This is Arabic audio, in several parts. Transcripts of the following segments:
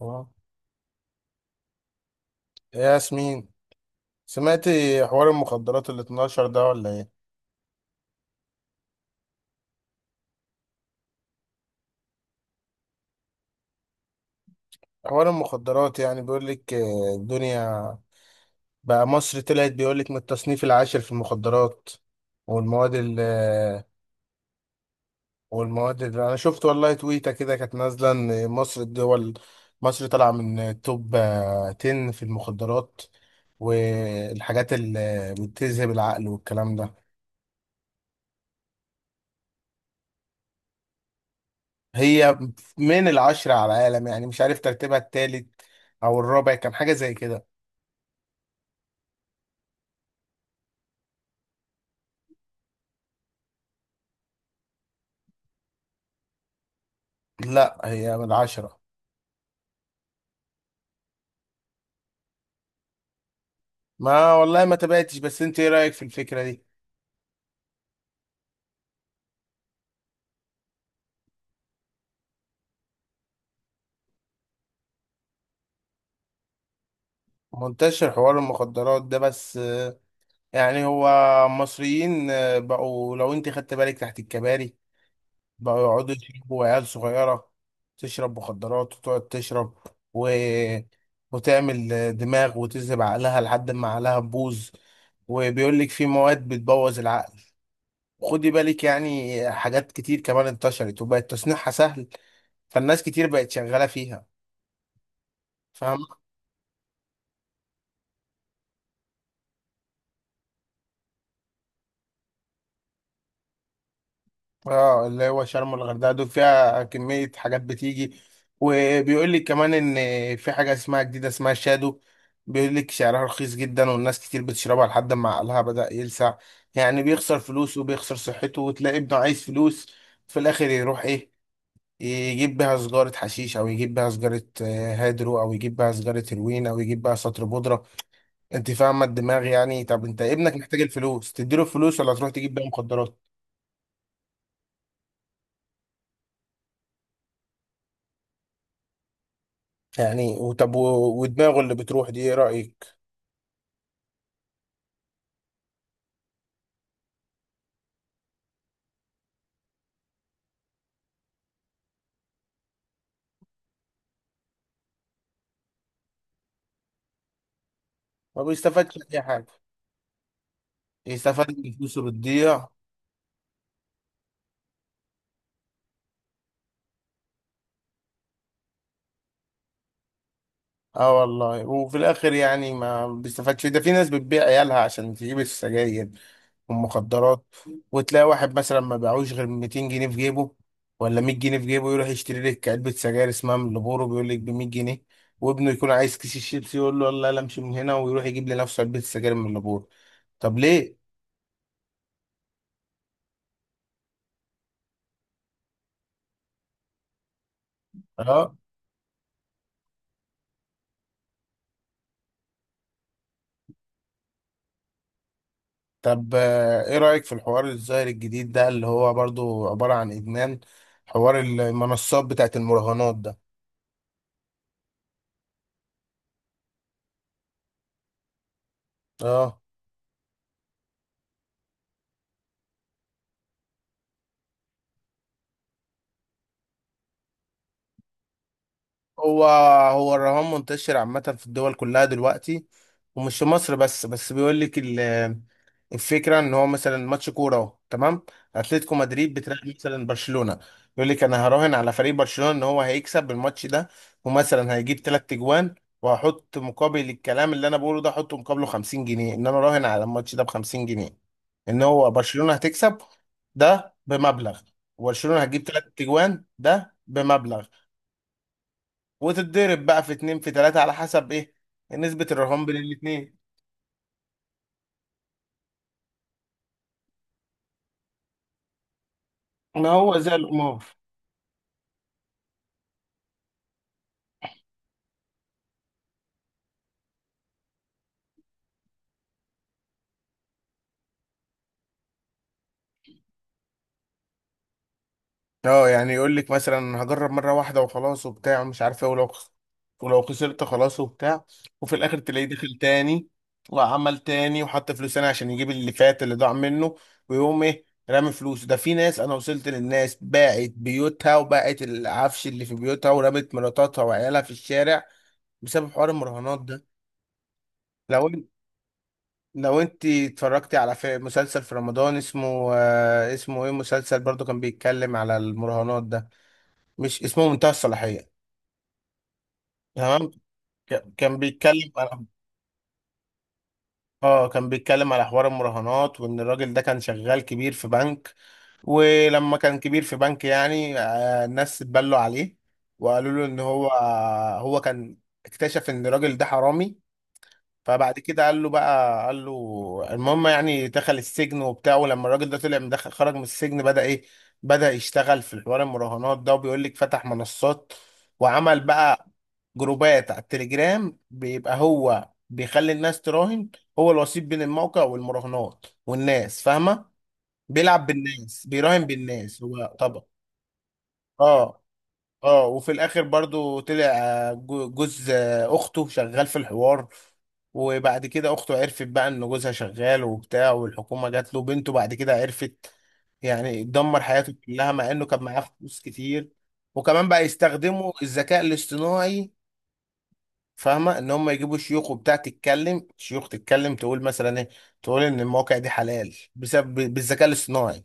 اه يا ياسمين، سمعتي حوار المخدرات ال 12 ده ولا ايه؟ حوار المخدرات يعني بيقول لك، الدنيا بقى مصر طلعت، بيقول لك من التصنيف العاشر في المخدرات والمواد ال آه، والمواد اللي انا شفت. والله تويتة كده كانت نازلة ان مصر طالعة من التوب 10 في المخدرات والحاجات اللي بتذهب العقل والكلام ده. هي من العشرة على العالم، يعني مش عارف ترتيبها التالت أو الرابع، كان حاجة زي كده. لا، هي من العشرة. ما والله ما تابعتش، بس أنت إيه رأيك في الفكرة دي؟ منتشر حوار المخدرات ده، بس يعني هو مصريين بقوا، لو أنت خدت بالك تحت الكباري بقوا يقعدوا يشربوا، عيال صغيرة تشرب مخدرات وتقعد تشرب و... وتعمل دماغ وتذهب عقلها لحد ما عقلها تبوظ. وبيقول لك في مواد بتبوظ العقل، خدي بالك. يعني حاجات كتير كمان انتشرت وبقت تصنيعها سهل، فالناس كتير بقت شغالة فيها، فاهم؟ اه، اللي هو شرم والغردقة دول فيها كمية حاجات بتيجي. وبيقول لك كمان ان في حاجة اسمها جديدة، اسمها شادو، بيقول لك سعرها رخيص جدا والناس كتير بتشربها لحد ما عقلها بدأ يلسع. يعني بيخسر فلوس وبيخسر صحته وتلاقي ابنه عايز فلوس، في الآخر يروح ايه، يجيب بيها سجارة حشيش أو يجيب بيها سجارة هيدرو أو يجيب بيها سجارة هيروين أو يجيب بيها سطر بودرة. انت فاهمه الدماغ يعني؟ طب انت ابنك محتاج الفلوس، تديله الفلوس ولا تروح تجيب بيها مخدرات؟ يعني، وطب ودماغه اللي بتروح دي ايه رايك؟ ما بيستفادش اي حاجه، يستفاد ان فلوسه بتضيع. اه والله، وفي الاخر يعني ما بيستفادش. ده في ناس بتبيع عيالها عشان تجيب السجاير والمخدرات، وتلاقي واحد مثلا ما باعوش غير 200 جنيه في جيبه ولا 100 جنيه في جيبه، يروح يشتري لك علبة سجاير اسمها مالبورو، بيقول لك ب 100 جنيه، وابنه يكون عايز كيس الشيبسي، يقول له يلا يلا امشي من هنا، ويروح يجيب لنفسه علبة سجاير مالبورو. طب ليه؟ اه. طب ايه رأيك في الحوار الظاهر الجديد ده اللي هو برضو عبارة عن ادمان، حوار المنصات بتاعت المراهنات ده؟ اه. هو هو الرهان منتشر عامة في الدول كلها دلوقتي، ومش في مصر بس، بس بيقول لك الفكرة ان هو مثلا ماتش كورة، اهو تمام، اتلتيكو مدريد بتلعب مثلا برشلونة، يقول لك انا هراهن على فريق برشلونة ان هو هيكسب الماتش ده، ومثلا هيجيب 3 اجوان، وهحط مقابل الكلام اللي انا بقوله ده احط مقابله 50 جنيه، ان انا راهن على الماتش ده ب 50 جنيه ان هو برشلونة هتكسب، ده بمبلغ، وبرشلونة هتجيب 3 اجوان ده بمبلغ، وتتضرب بقى في اتنين في تلاتة على حسب ايه، نسبة الرهان بين الاتنين. ما هو زي القمار. اه، يعني يقول لك مثلا هجرب مرة واحدة وخلاص وبتاع ومش عارف ايه، ولو خسرت خلاص وبتاع. وفي الاخر تلاقيه داخل تاني، وعمل تاني وحط فلوس تاني عشان يجيب اللي فات اللي ضاع منه، ويقوم ايه، رامي فلوس ده. في ناس انا وصلت للناس باعت بيوتها وباعت العفش اللي في بيوتها، ورمت مراتاتها وعيالها في الشارع بسبب حوار المراهنات ده. لو لو انت اتفرجتي على في مسلسل في رمضان اسمه، اسمه ايه، مسلسل برضو كان بيتكلم على المراهنات ده، مش اسمه منتهى الصلاحية؟ تمام. ك- كان بيتكلم على اه، كان بيتكلم على حوار المراهنات، وان الراجل ده كان شغال كبير في بنك، ولما كان كبير في بنك، يعني الناس اتبلوا عليه، وقالوا له ان هو كان اكتشف ان الراجل ده حرامي. فبعد كده قال له بقى قال له المهم، يعني دخل السجن وبتاع، ولما الراجل ده طلع من دخل خرج من السجن، بدأ ايه، بدأ يشتغل في الحوار المراهنات ده، وبيقول لك فتح منصات، وعمل بقى جروبات على التليجرام، بيبقى هو بيخلي الناس تراهن، هو الوسيط بين الموقع والمراهنات والناس، فاهمة؟ بيلعب بالناس، بيراهن بالناس هو طبعا. اه، اه. وفي الاخر برضو طلع جوز اخته شغال في الحوار، وبعد كده اخته عرفت بقى ان جوزها شغال وبتاع، والحكومة جات له بنته، بعد كده عرفت. يعني دمر حياته كلها مع انه كان معاه فلوس كتير. وكمان بقى يستخدموا الذكاء الاصطناعي، فاهمة ان هم يجيبوا شيوخ وبتاع تتكلم، شيوخ تتكلم تقول مثلا ايه، تقول ان المواقع دي حلال بسبب بالذكاء الاصطناعي.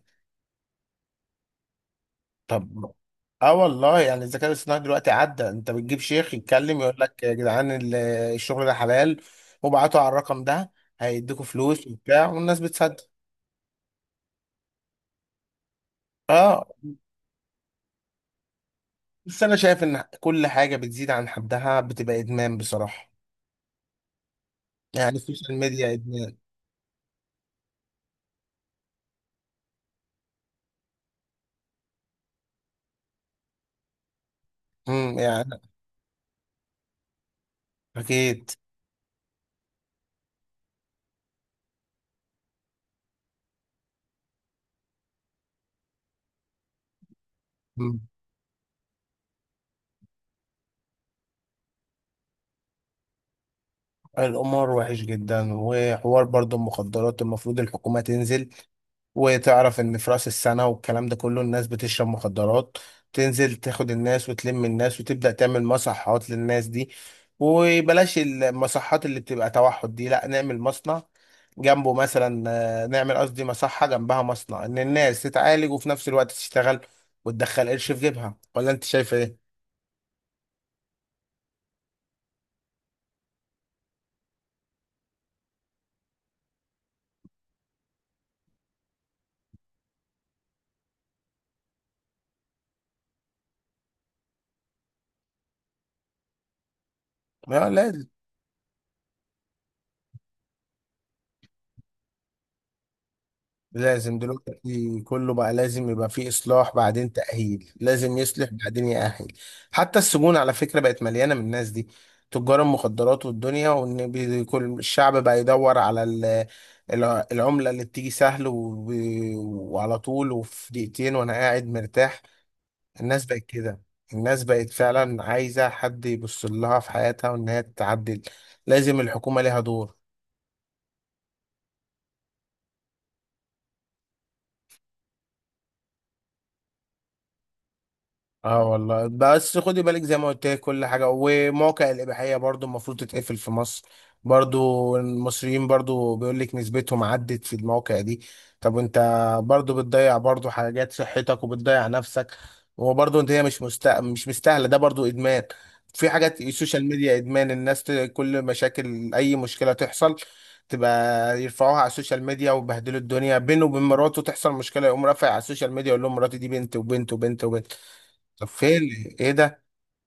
طب، اه والله. يعني الذكاء الاصطناعي دلوقتي عدى، انت بتجيب شيخ يتكلم يقول لك يا جدعان، الشغل ده حلال، وابعتوا على الرقم ده هيديكوا فلوس وبتاع، والناس بتصدق. اه، بس انا شايف ان كل حاجه بتزيد عن حدها بتبقى ادمان بصراحه، يعني السوشيال ميديا ادمان. يعني اكيد. مم. القمار وحش جدا، وحوار برضو المخدرات المفروض الحكومه تنزل، وتعرف ان في راس السنه والكلام ده كله الناس بتشرب مخدرات، تنزل تاخد الناس وتلم الناس وتبدا تعمل مصحات للناس دي، وبلاش المصحات اللي بتبقى توحد دي، لا نعمل مصنع جنبه مثلا، نعمل قصدي مصحه جنبها مصنع، ان الناس تتعالج وفي نفس الوقت تشتغل وتدخل قرش في جيبها، ولا انت شايفه ايه؟ لا، لازم دلوقتي كله بقى لازم يبقى فيه إصلاح بعدين تأهيل، لازم يصلح بعدين يأهل. حتى السجون على فكرة بقت مليانة من الناس دي، تجار المخدرات والدنيا، وإن كل الشعب بقى يدور على العملة اللي بتيجي سهل وعلى طول، وفي دقيقتين وأنا قاعد مرتاح. الناس بقت كده، الناس بقت فعلا عايزة حد يبص لها في حياتها وإن هي تتعدل، لازم الحكومة ليها دور. اه والله، بس خدي بالك زي ما قلت لك كل حاجه. ومواقع الاباحيه برضو المفروض تتقفل في مصر، برضو المصريين برضو بيقول لك نسبتهم عدت في المواقع دي. طب انت برضو بتضيع برضو حاجات، صحتك وبتضيع نفسك. وبرضو هي مش مستاهله، ده برضو ادمان. في حاجات السوشيال ميديا ادمان، الناس كل مشاكل اي مشكله تحصل، تبقى يرفعوها على السوشيال ميديا، وبهدلوا الدنيا. بينه وبين مراته تحصل مشكله، يقوم رافع على السوشيال ميديا يقول لهم مراتي دي بنت وبنت وبنت وبنت. طب فين ايه ده،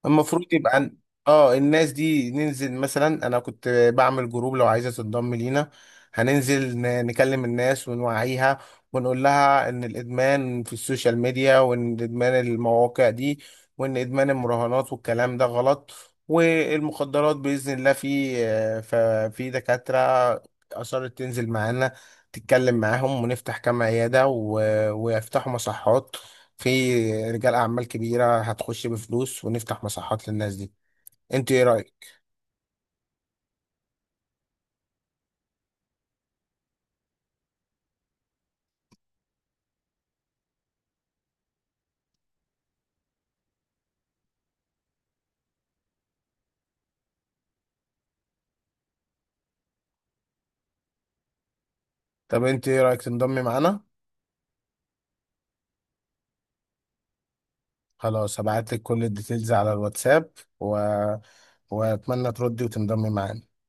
المفروض يبقى اه، الناس دي ننزل مثلا، انا كنت بعمل جروب، لو عايزه تنضم لينا، هننزل نكلم الناس ونوعيها، ونقول لها ان الادمان في السوشيال ميديا، وان ادمان المواقع دي، وان ادمان المراهنات والكلام ده غلط، والمخدرات باذن الله. في آه، ففي دكاتره اصرت تنزل معانا تتكلم معاهم، ونفتح كام عياده ويفتحوا مصحات، في رجال اعمال كبيره هتخش بفلوس ونفتح مساحات للناس دي. انت ايه رايك؟ طب انت ايه رايك تنضمي معانا؟ خلاص هبعت لك كل الديتيلز على الواتساب و... واتمنى تردي وتنضمي معانا.